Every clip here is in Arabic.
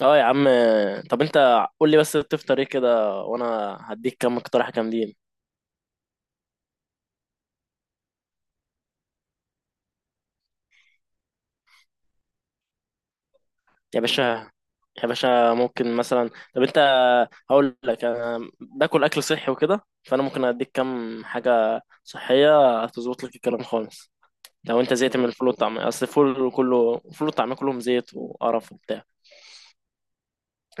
اه يا عم. طب انت قول لي بس بتفطر ايه كده، وانا هديك كام اقتراح جامدين. يا باشا يا باشا، ممكن مثلا، طب انت هقول لك، انا باكل اكل صحي وكده، فانا ممكن اديك كام حاجه صحيه هتظبط لك الكلام خالص. لو انت زهقت من الفول والطعميه، اصل الفول كله، الفول والطعميه كلهم زيت وقرف وبتاع.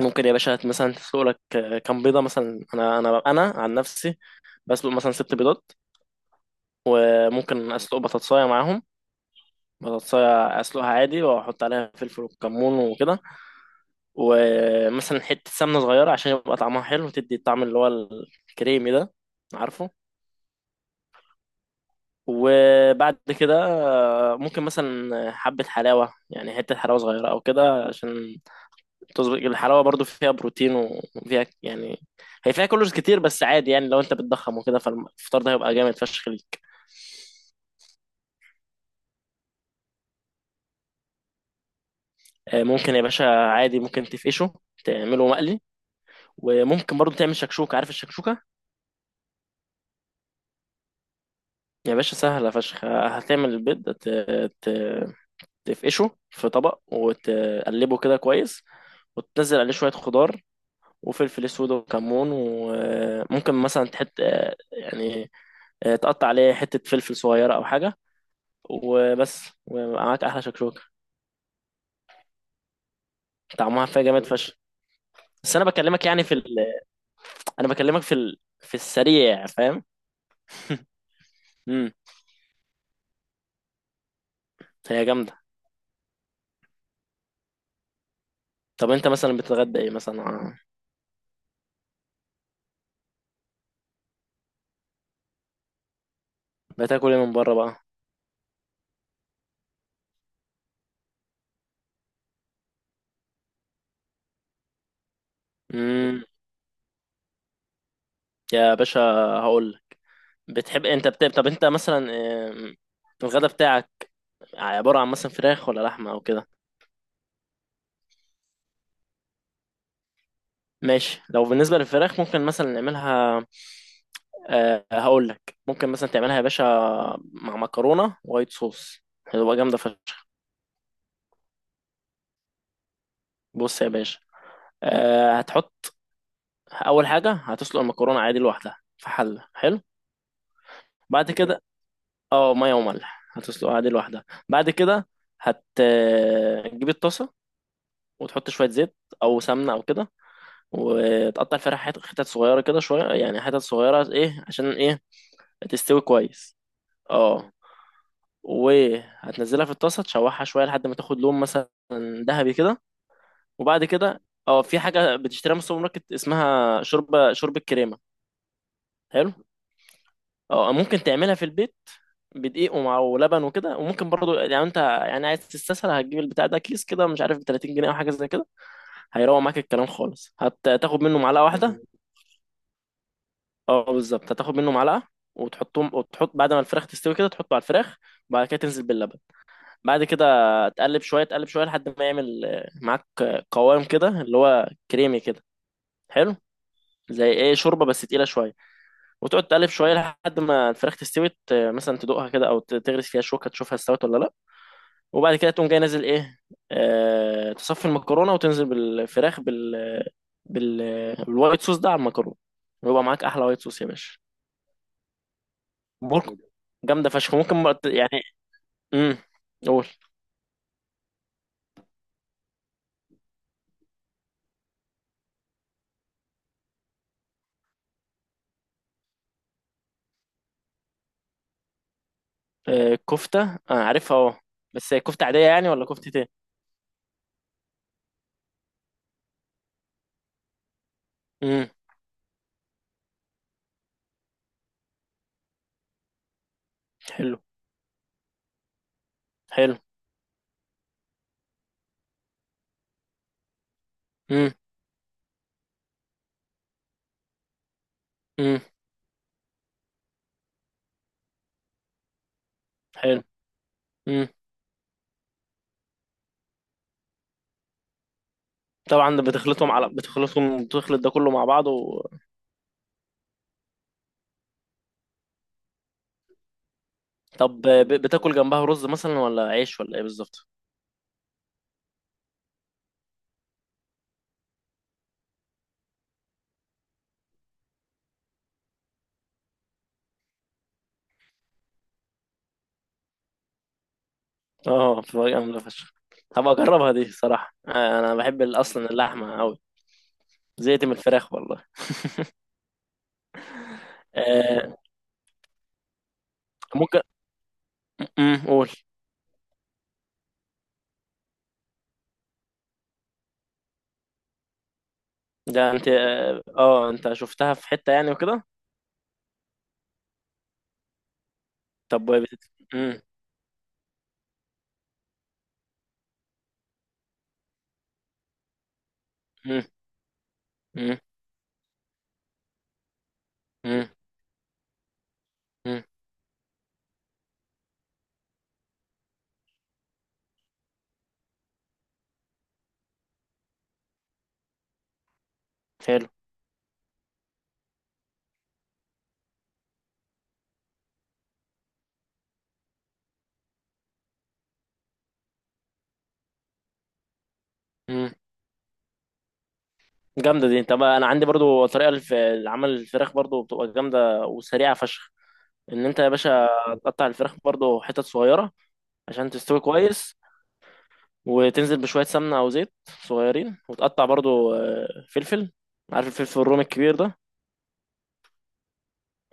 ممكن يا باشا مثلا تسلق لك كام بيضه، مثلا انا عن نفسي بسلق مثلا ست بيضات. وممكن اسلق بطاطسايه معاهم، بطاطساية اسلقها عادي واحط عليها فلفل وكمون وكده. ومثلا حتة سمنة صغيرة عشان يبقى طعمها حلو وتدي الطعم اللي هو الكريمي ده، عارفه؟ وبعد كده، ممكن مثلا حبة حلاوة، يعني حتة حلاوة صغيرة أو كده، عشان تظبط. الحلاوة برضو فيها بروتين، وفيها يعني، هي فيها كالوريز كتير بس عادي، يعني لو أنت بتضخم وكده فالفطار ده هيبقى جامد فشخ ليك. ممكن يا باشا عادي، ممكن تفقشه، تعمله مقلي. وممكن برضو تعمل شكشوكة، عارف الشكشوكة؟ يا باشا سهلة فشخ. هتعمل البيض ت... تفقشه في طبق وتقلبه كده كويس، وتنزل عليه شوية خضار وفلفل أسود وكمون. وممكن مثلا تحط، يعني تقطع عليه حتة فلفل صغيرة أو حاجة، وبس، ومعاك أحلى شكشوكة. طعمها فيها جامد فشخ. بس أنا بكلمك يعني في ال... أنا بكلمك في ال... في السريع، فاهم؟ امم هي جامدة. طب أنت مثلا بتتغدى إيه مثلا؟ بتاكل إيه من بره بقى؟ امم يا باشا هقول، انت بتحب طب انت مثلا، آم، الغدا بتاعك عبارة عن مثلا فراخ ولا لحمة او كده؟ ماشي. لو بالنسبة للفراخ ممكن مثلا نعملها، أه هقول لك، ممكن مثلا تعملها يا باشا مع مكرونة وايت صوص، هتبقى جامدة فشخ. بص يا باشا، أه هتحط، اول حاجة هتسلق المكرونة عادي لوحدها في حلة، حلو، بعد كده، اه مية وملح، هتسلقها عادي لوحدها. بعد كده هتجيب الطاسة وتحط شوية زيت او سمنة او كده، وتقطع الفراخ حتت صغيرة كده، شوية يعني، حتت صغيرة، ايه عشان ايه؟ تستوي كويس، اه. وهتنزلها في الطاسة تشوحها شوية لحد ما تاخد لون، مثلا ذهبي كده. وبعد كده، اه في حاجة بتشتريها من السوبر ماركت اسمها شوربة شوربة كريمة، حلو. اه ممكن تعملها في البيت بدقيق ومع ولبن وكده. وممكن برضو، يعني انت يعني عايز تستسهل، هتجيب البتاع ده كيس كده، مش عارف ب 30 جنيه او حاجه زي كده. هيروق معاك الكلام خالص. هتاخد منه معلقه واحده، اه بالظبط، هتاخد منه معلقه وتحطهم، وتحط بعد ما الفراخ تستوي كده تحطه على الفراخ. وبعد كده تنزل باللبن. بعد كده تقلب شويه، تقلب شويه، لحد ما يعمل معاك قوام كده اللي هو كريمي كده، حلو. زي ايه، شوربه بس تقيله شويه. وتقعد تقلب شويه لحد ما الفراخ تستوي، مثلا تدوقها كده، او تغرس فيها شوكه تشوفها استوت ولا لا. وبعد كده تقوم جاي نازل ايه، آه تصفي المكرونه وتنزل بالفراخ بال بالوايت صوص ده على المكرونه، ويبقى معاك احلى وايت صوص يا باشا. ممكن، جامدة فشخ. ممكن يعني، امم قول. آه كفتة، انا عارفها اه. بس هي كفتة عادية يعني ولا كفتة ايه؟ امم حلو. حلو. امم امم حلو. امم طبعا ده بتخلطهم على بتخلطهم بتخلط ده كله مع بعض و... طب بتاكل جنبها رز مثلا ولا عيش ولا ايه بالظبط؟ اه بتبقى جامدة فشخ. هبقى اجربها دي صراحة، انا بحب اصلا اللحمة قوي. زهقت من الفراخ والله. آه، ممكن، قول. ده انت اه، انت شفتها في حتة يعني وكده؟ طب مم. مم. مم. مم. مم. حلو. مم. جامدة دي. طب انا عندي برضو طريقة لعمل الفراخ برضو بتبقى جامدة وسريعة فشخ، ان انت يا باشا تقطع الفراخ برضو حتت صغيرة عشان تستوي كويس. وتنزل بشوية سمنة او زيت صغيرين. وتقطع برضو فلفل، عارف الفلفل الرومي الكبير ده؟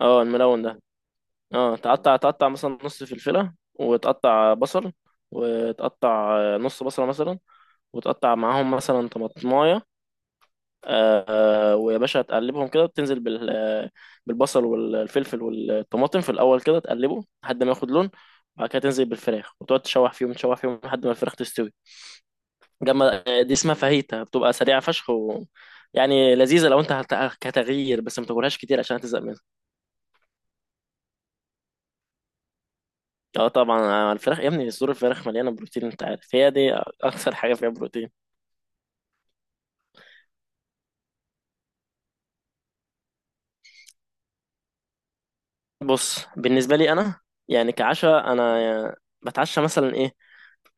اه الملون ده، اه. تقطع مثلا نص فلفلة، وتقطع بصل، وتقطع نص بصلة مثلا، وتقطع معاهم مثلا طماطماية. ويا باشا هتقلبهم كده، وتنزل بالبصل والفلفل والطماطم في الاول كده، تقلبه لحد ما ياخد لون. وبعد كده تنزل بالفراخ، وتقعد تشوح فيهم تشوح فيهم لحد ما الفراخ تستوي جنب. دي اسمها فاهيتا، بتبقى سريعه فشخ و... يعني لذيذه. لو انت كتغيير بس، ما تاكلهاش كتير عشان هتزهق منها. اه طبعا، الفراخ يا ابني، صدور الفراخ مليانه بروتين انت عارف، هي دي اكثر حاجه فيها بروتين. بص بالنسبه لي انا، يعني كعشاء انا بتعشى مثلا ايه،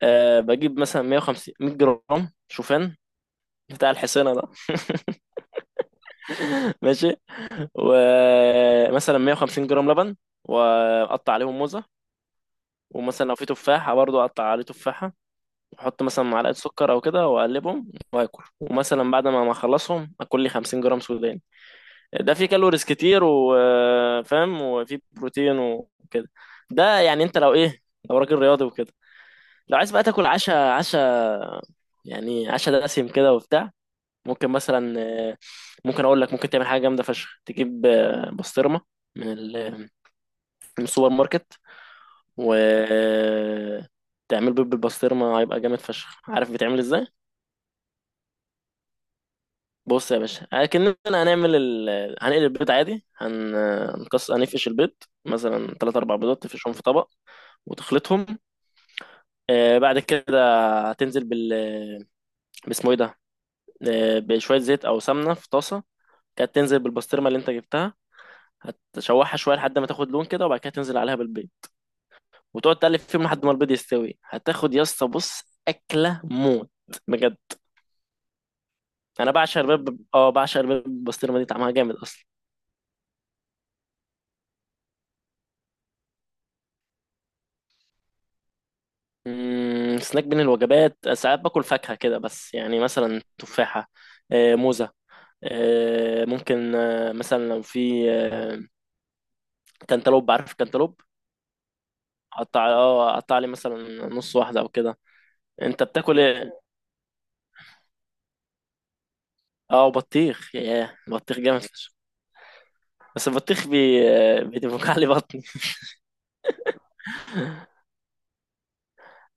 أه بجيب مثلا 150 100 جرام شوفان، بتاع الحصينة ده، ماشي. ومثلا 150 جرام لبن، واقطع عليهم موزة. ومثلا لو في تفاحة برضو اقطع عليه تفاحة. واحط مثلا معلقة سكر او كده، واقلبهم واكل. ومثلا بعد ما اخلصهم اكل لي 50 جرام سوداني. ده فيه كالوريز كتير وفاهم، وفيه بروتين وكده. ده يعني انت لو ايه، لو راجل رياضي وكده، لو عايز بقى تاكل عشا، عشا يعني، عشا دسم كده وبتاع، ممكن مثلا، آه، ممكن اقول لك ممكن تعمل حاجه جامده فشخ. تجيب بسطرمه من ال- من السوبر ماركت، و تعمل بيض بالبسطرمه، هيبقى جامد فشخ. عارف بيتعمل ازاي؟ بص يا باشا، اكننا هنعمل هنقلي البيض عادي. هن... هنقص هنفقش البيض، مثلا تلات اربع بيضات، تفقشهم في طبق وتخلطهم. بعد كده هتنزل باسمه ايه ده، بشويه زيت او سمنه في طاسه. كانت تنزل بالبسطرمه اللي انت جبتها، هتشوحها شويه لحد ما تاخد لون كده. وبعد كده تنزل عليها بالبيض وتقعد تقلب فيهم لحد ما البيض يستوي. هتاخد يا اسطى بص، اكله موت بجد. انا بعشق البيض اه بعشق البيض بالبسطرمه دي طعمها جامد اصلا. مم، سناك بين الوجبات ساعات باكل فاكهه كده، بس يعني مثلا تفاحه، موزه، ممكن مثلا لو في كانتالوب، عارف الكانتالوب؟ اقطع اه اقطع لي مثلا نص واحده او كده. انت بتاكل ايه؟ اه بطيخ، ياه بطيخ جامد. بس البطيخ بيدفك علي بطني.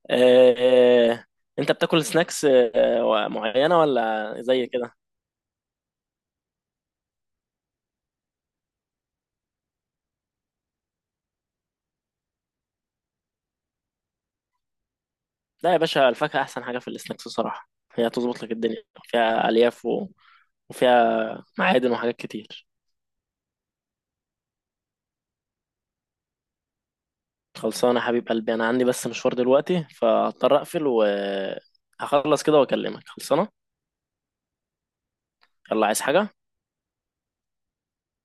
آه، آه، انت بتاكل سناكس معينة ولا زي كده؟ لا يا باشا الفاكهة احسن حاجة في السناكس بصراحة، هي تظبط لك الدنيا، فيها الياف و... وفيها معادن وحاجات كتير. خلصانة يا حبيب قلبي، انا عندي بس مشوار دلوقتي، فهضطر اقفل وهخلص كده واكلمك. خلصانة. يلا عايز حاجة؟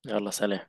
يلا سلام.